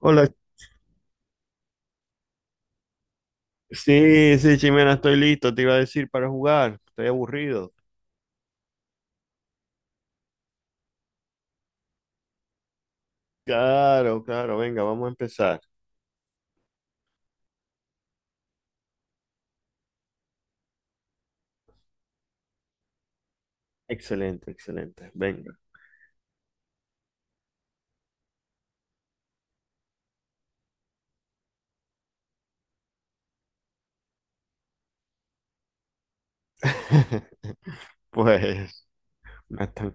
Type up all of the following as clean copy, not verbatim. Hola, sí, sí, Chimena, estoy listo, te iba a decir para jugar, estoy aburrido. Claro, claro, venga, vamos a empezar. Excelente, excelente, venga. Pues, me están-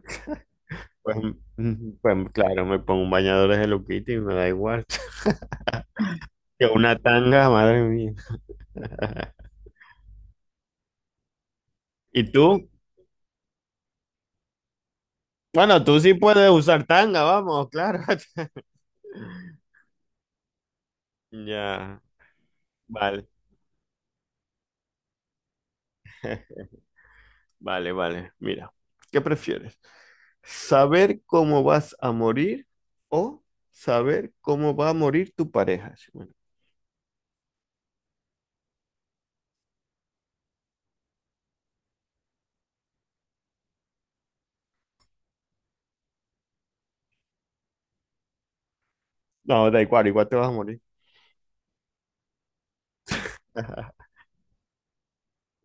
pues, mm, pues, claro, me pongo un bañador de Hello Kitty y me da igual. Que una tanga, madre mía. ¿Y tú? Bueno, tú sí puedes usar tanga, vamos, claro. Ya, vale, vale, vale, mira, ¿qué prefieres? Saber cómo vas a morir o saber cómo va a morir tu pareja. Sí, bueno. No, da igual, igual te vas a morir.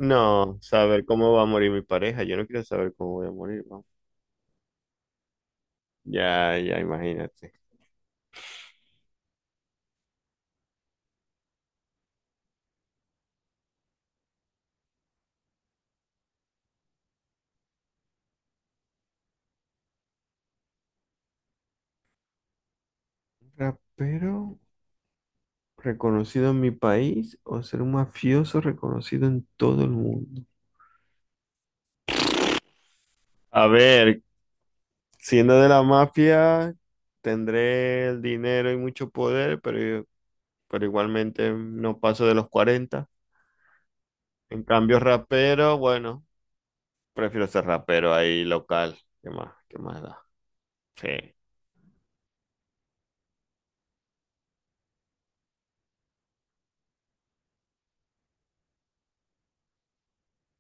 No, saber cómo va a morir mi pareja. Yo no quiero saber cómo voy a morir, vamos. Ya, ya, imagínate. Rapero reconocido en mi país o ser un mafioso reconocido en todo el mundo. A ver, siendo de la mafia, tendré el dinero y mucho poder, pero igualmente no paso de los 40. En cambio, rapero, bueno, prefiero ser rapero ahí local. ¿Qué más? ¿Qué más da? Sí,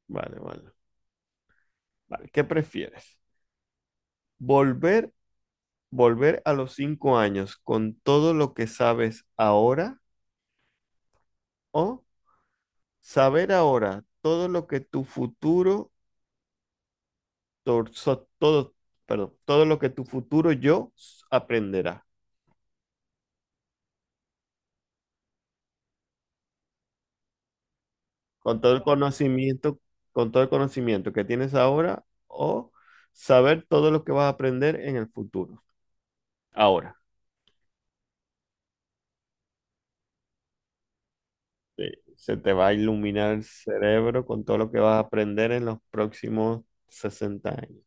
vale, vale. Vale, ¿qué prefieres? ¿Volver, volver a los 5 años con todo lo que sabes ahora o saber ahora todo lo que tu futuro, todo, perdón, todo lo que tu futuro yo aprenderá? Con todo el conocimiento, con todo el conocimiento que tienes ahora o saber todo lo que vas a aprender en el futuro. Ahora. Sí, se te va a iluminar el cerebro con todo lo que vas a aprender en los próximos 60 años.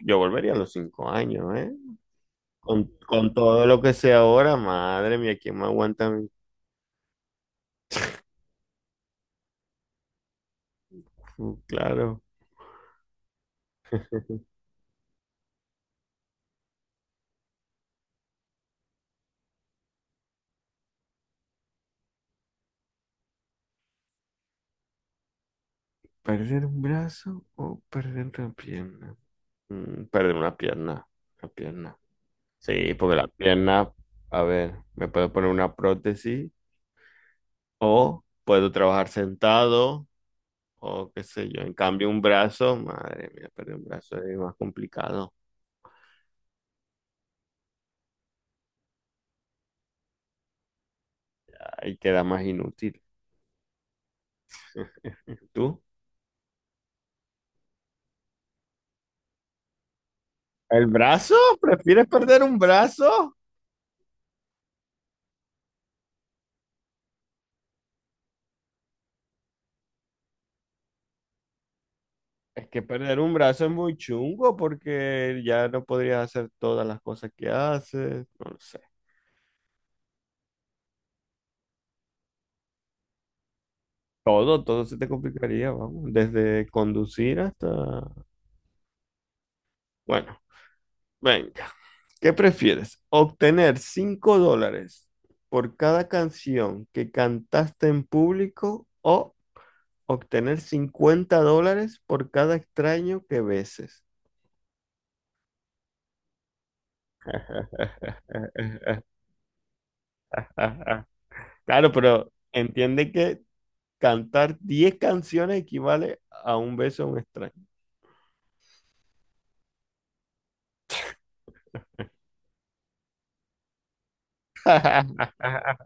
Yo volvería a los 5 años, ¿eh? Con todo lo que sé ahora, madre mía, ¿quién me aguanta a mí? Claro. ¿Perder un brazo o perder una pierna? Perder una pierna, una pierna. Sí, porque la pierna, a ver, me puedo poner una prótesis o puedo trabajar sentado. O qué sé yo. En cambio, un brazo, madre mía, pero un brazo es más complicado. Ahí queda más inútil. ¿Tú? ¿El brazo? ¿Prefieres perder un brazo? Es que perder un brazo es muy chungo porque ya no podrías hacer todas las cosas que haces. No lo sé. Todo, todo se te complicaría, vamos. Desde conducir hasta... Bueno, venga. ¿Qué prefieres? ¿Obtener $5 por cada canción que cantaste en público o obtener $50 por cada extraño que beses? Claro, pero entiende que cantar 10 canciones equivale a un beso a un extraño.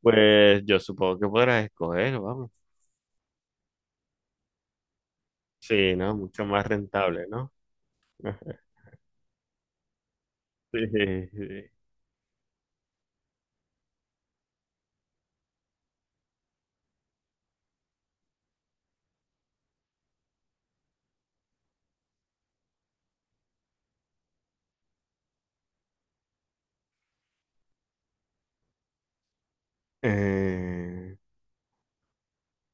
Pues yo supongo que podrás escoger, vamos. Sí, ¿no? Mucho más rentable, ¿no? Sí, sí. Eh,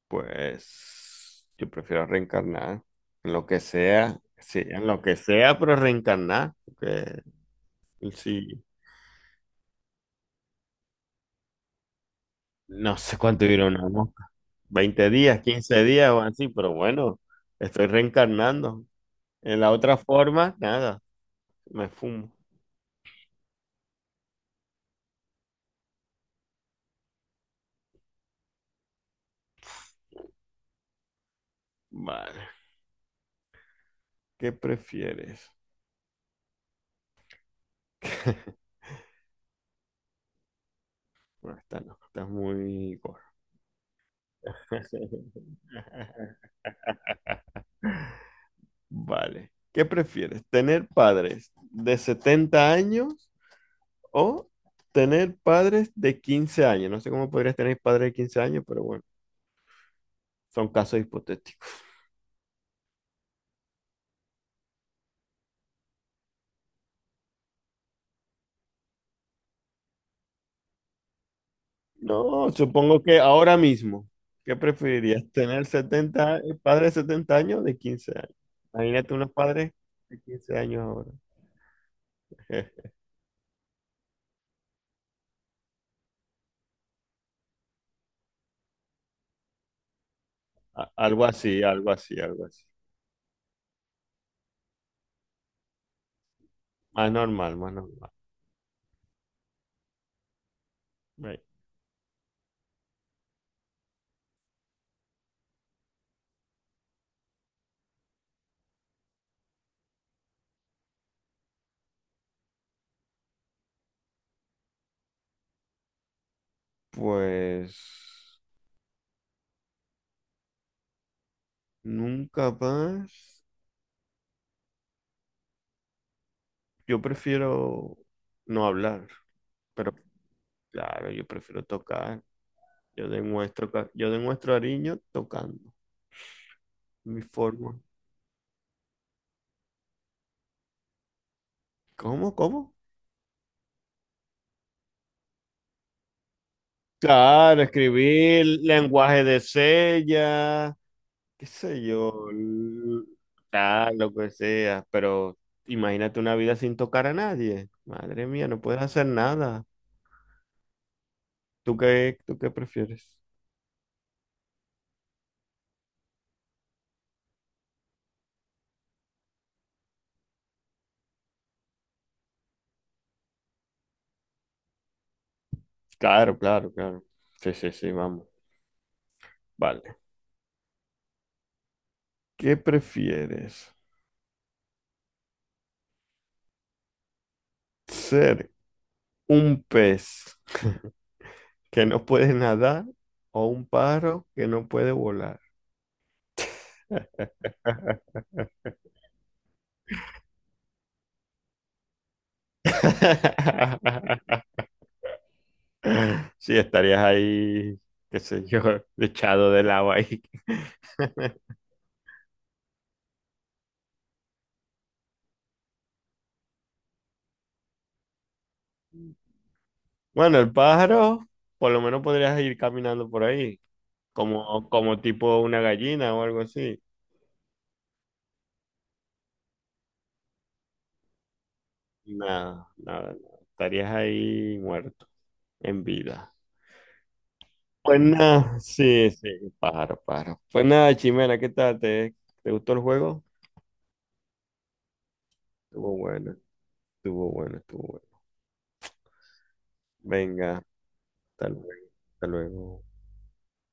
Pues yo prefiero reencarnar en lo que sea, sí, en lo que sea, pero reencarnar, porque sí, no sé cuánto dura una mosca, 20 días, 15 días o así, pero bueno, estoy reencarnando. En la otra forma, nada, me fumo. Vale, ¿qué prefieres? Bueno, esta no, esta es muy gorda. Vale, ¿qué prefieres? ¿Tener padres de 70 años? O tener padres de 15 años. No sé cómo podrías tener padres de 15 años, pero bueno, son casos hipotéticos. No, supongo que ahora mismo, ¿qué preferirías? ¿Tener padres de 70 años o de 15 años? Imagínate unos padres de 15 años ahora. Algo así, algo así, algo así. Más normal, más normal. Right. Pues nunca más. Yo prefiero no hablar, pero claro, yo prefiero tocar. Yo demuestro cariño tocando mi forma. ¿Cómo? ¿Cómo? Claro, escribir lenguaje de señas, qué sé yo, lo que sea, pero imagínate una vida sin tocar a nadie. Madre mía, no puedes hacer nada. ¿Tú qué prefieres? Claro, claro, claro. Sí, sí, sí, vamos. Vale. ¿Qué prefieres? ¿Ser un pez que no puede nadar o un pájaro que no puede volar? Sí, estarías ahí, qué sé yo, echado del agua ahí. Bueno, el pájaro, por lo menos podrías ir caminando por ahí, como tipo una gallina o algo así. Nada, nada, nada. Estarías ahí muerto, en vida. Pues nada, sí, sí, pájaro, pájaro. Pues nada, Chimera, ¿qué tal? ¿Te gustó el juego? Estuvo bueno, estuvo bueno, estuvo bueno. Venga, hasta luego. Hasta luego.